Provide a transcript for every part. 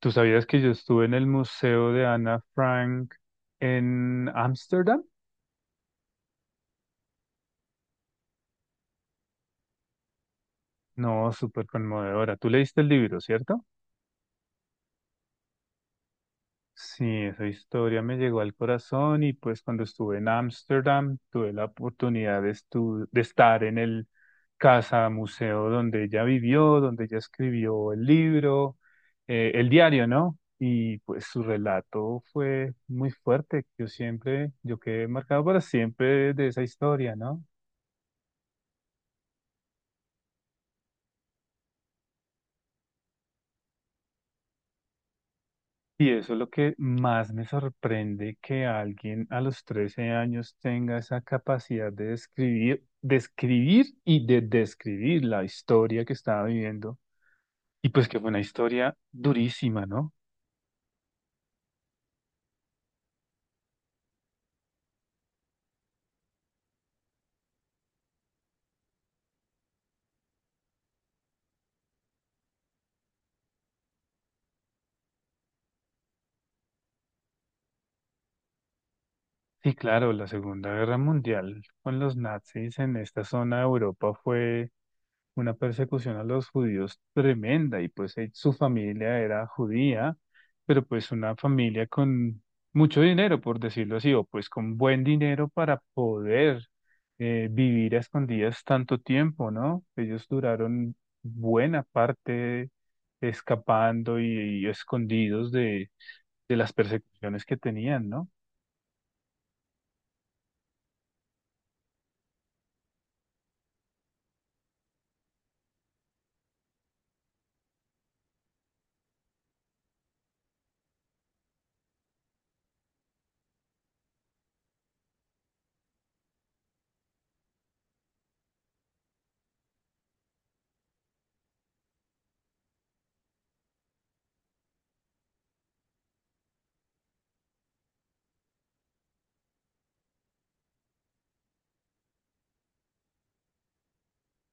¿Tú sabías que yo estuve en el Museo de Ana Frank en Ámsterdam? No, súper conmovedora. Tú leíste el libro, ¿cierto? Sí, esa historia me llegó al corazón y pues cuando estuve en Ámsterdam tuve la oportunidad de estar en el casa museo donde ella vivió, donde ella escribió el libro, el diario, ¿no? Y pues su relato fue muy fuerte. Yo siempre, yo quedé marcado para siempre de esa historia, ¿no? Y eso es lo que más me sorprende, que alguien a los 13 años tenga esa capacidad de describir, describir y de describir la historia que estaba viviendo. Y pues que fue una historia durísima, ¿no? Sí, claro, la Segunda Guerra Mundial con los nazis en esta zona de Europa fue una persecución a los judíos tremenda y pues su familia era judía, pero pues una familia con mucho dinero, por decirlo así, o pues con buen dinero para poder vivir a escondidas tanto tiempo, ¿no? Ellos duraron buena parte escapando y escondidos de las persecuciones que tenían, ¿no?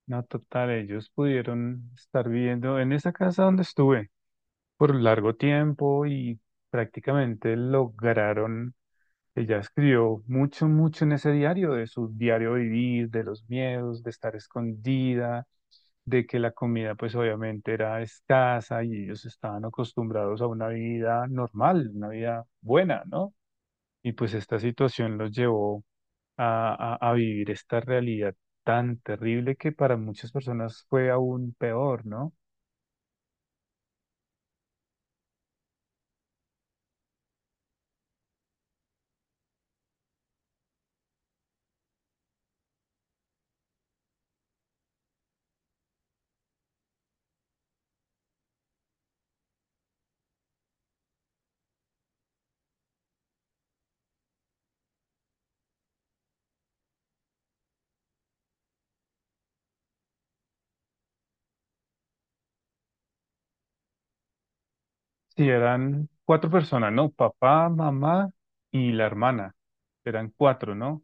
No, total, ellos pudieron estar viviendo en esa casa donde estuve por un largo tiempo y prácticamente lograron, ella escribió mucho, mucho en ese diario, de su diario vivir, de los miedos, de estar escondida, de que la comida pues obviamente era escasa y ellos estaban acostumbrados a una vida normal, una vida buena, ¿no? Y pues esta situación los llevó a vivir esta realidad tan terrible que para muchas personas fue aún peor, ¿no? Sí, eran cuatro personas, ¿no? Papá, mamá y la hermana. Eran cuatro, ¿no?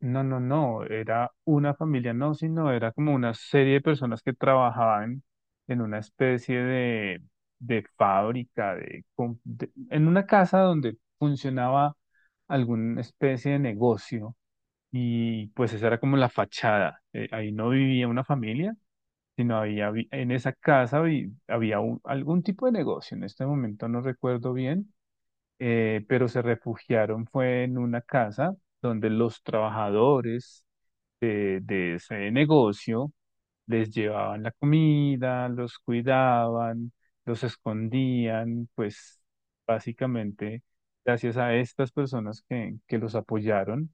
No, era una familia, no, sino era como una serie de personas que trabajaban en una especie de fábrica, en una casa donde funcionaba alguna especie de negocio y pues esa era como la fachada. Ahí no vivía una familia, sino en esa casa había algún tipo de negocio, en este momento no recuerdo bien, pero se refugiaron fue en una casa donde los trabajadores de ese negocio les llevaban la comida, los cuidaban, los escondían, pues básicamente gracias a estas personas que los apoyaron,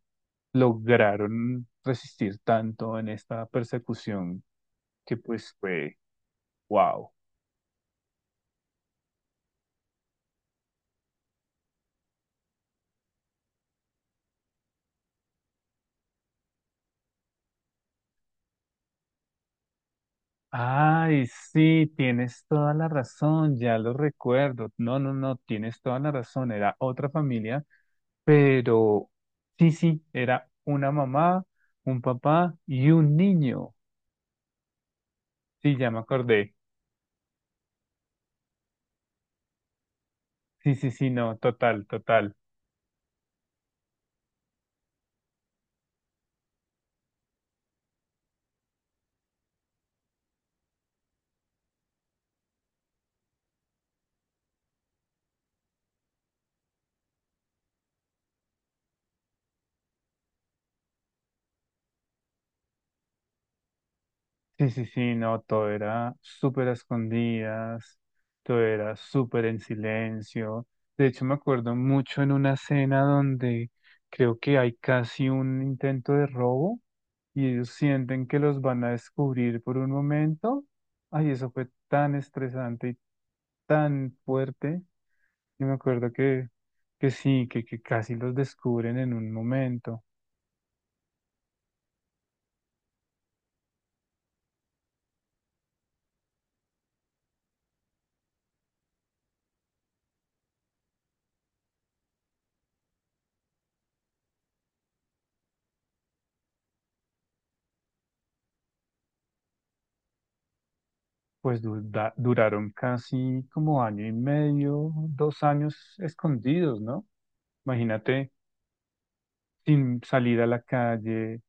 lograron resistir tanto en esta persecución que pues fue. Wow. Ay, sí, tienes toda la razón, ya lo recuerdo. No, tienes toda la razón. Era otra familia, pero sí, sí, era una mamá, un papá y un niño. Sí, ya me acordé. Sí, sí, sí, no, total, total. Sí, sí, sí, no, todo era súper a escondidas, todo era súper en silencio. De hecho, me acuerdo mucho en una escena donde creo que hay casi un intento de robo y ellos sienten que los van a descubrir por un momento. Ay, eso fue tan estresante y tan fuerte. Y me acuerdo que sí, que casi los descubren en un momento. Pues duraron casi como año y medio, 2 años escondidos, ¿no? Imagínate, sin salir a la calle,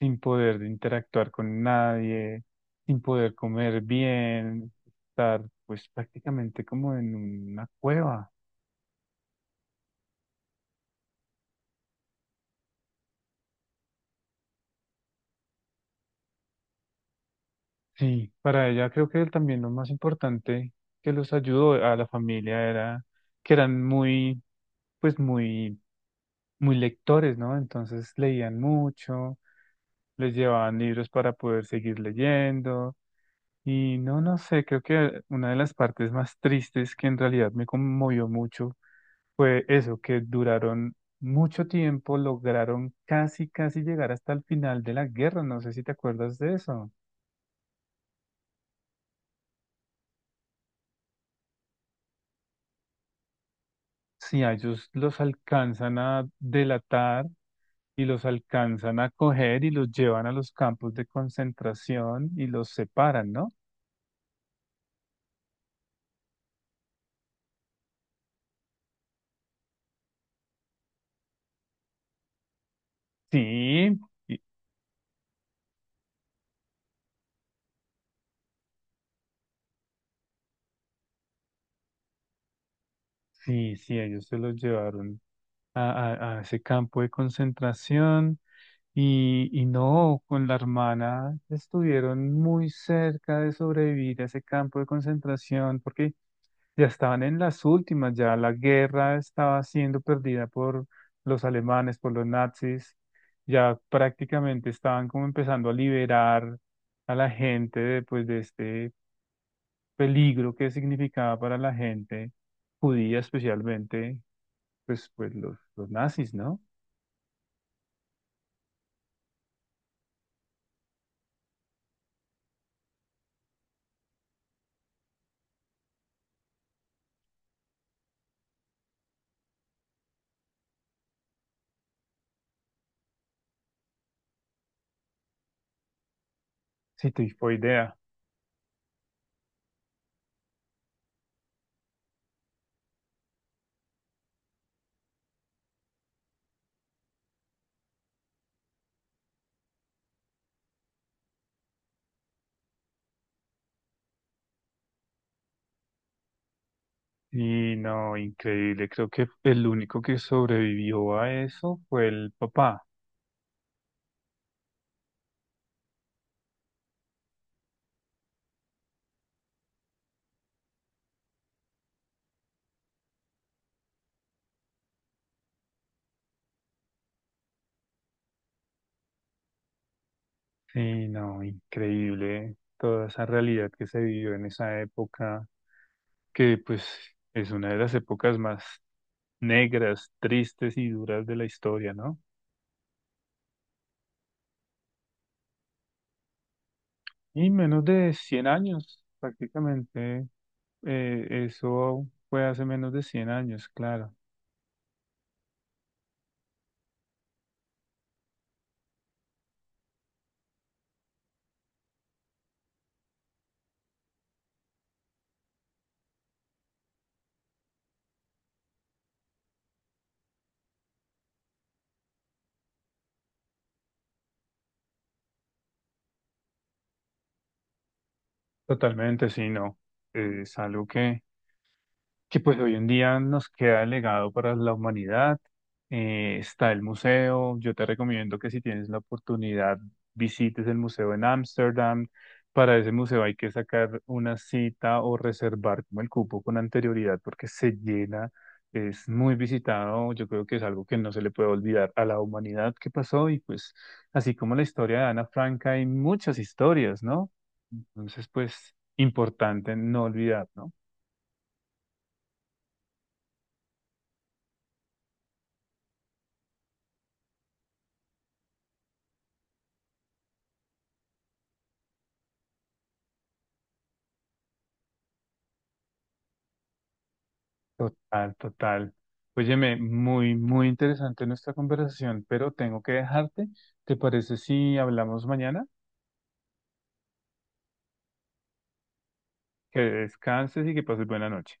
sin poder interactuar con nadie, sin poder comer bien, estar pues prácticamente como en una cueva. Sí, para ella creo que también lo más importante que los ayudó a la familia era que eran pues muy, muy lectores, ¿no? Entonces leían mucho, les llevaban libros para poder seguir leyendo y no, no sé, creo que una de las partes más tristes que en realidad me conmovió mucho fue eso, que duraron mucho tiempo, lograron casi, casi llegar hasta el final de la guerra, no sé si te acuerdas de eso. Sí, a ellos los alcanzan a delatar y los alcanzan a coger y los llevan a los campos de concentración y los separan, ¿no? Sí, y- sí, sí, ellos se los llevaron a ese campo de concentración y no, con la hermana estuvieron muy cerca de sobrevivir a ese campo de concentración porque ya estaban en las últimas, ya la guerra estaba siendo perdida por los alemanes, por los nazis, ya prácticamente estaban como empezando a liberar a la gente de, pues, de este peligro que significaba para la gente judía, especialmente pues, pues los nazis, ¿no? Sí, idea. Y no, increíble, creo que el único que sobrevivió a eso fue el papá. Sí, no, increíble toda esa realidad que se vivió en esa época, que pues es una de las épocas más negras, tristes y duras de la historia, ¿no? Y menos de 100 años, prácticamente, eso fue hace menos de 100 años, claro. Totalmente, sí, no. Es algo que pues hoy en día nos queda el legado para la humanidad. Está el museo. Yo te recomiendo que si tienes la oportunidad visites el museo en Ámsterdam. Para ese museo hay que sacar una cita o reservar como el cupo con anterioridad porque se llena. Es muy visitado. Yo creo que es algo que no se le puede olvidar a la humanidad que pasó y pues así como la historia de Ana Frank hay muchas historias, ¿no? Entonces pues importante no olvidar, ¿no? Total, total. Óyeme, muy, muy interesante nuestra conversación, pero tengo que dejarte. ¿Te parece si hablamos mañana? Que descanses y que pases buena noche.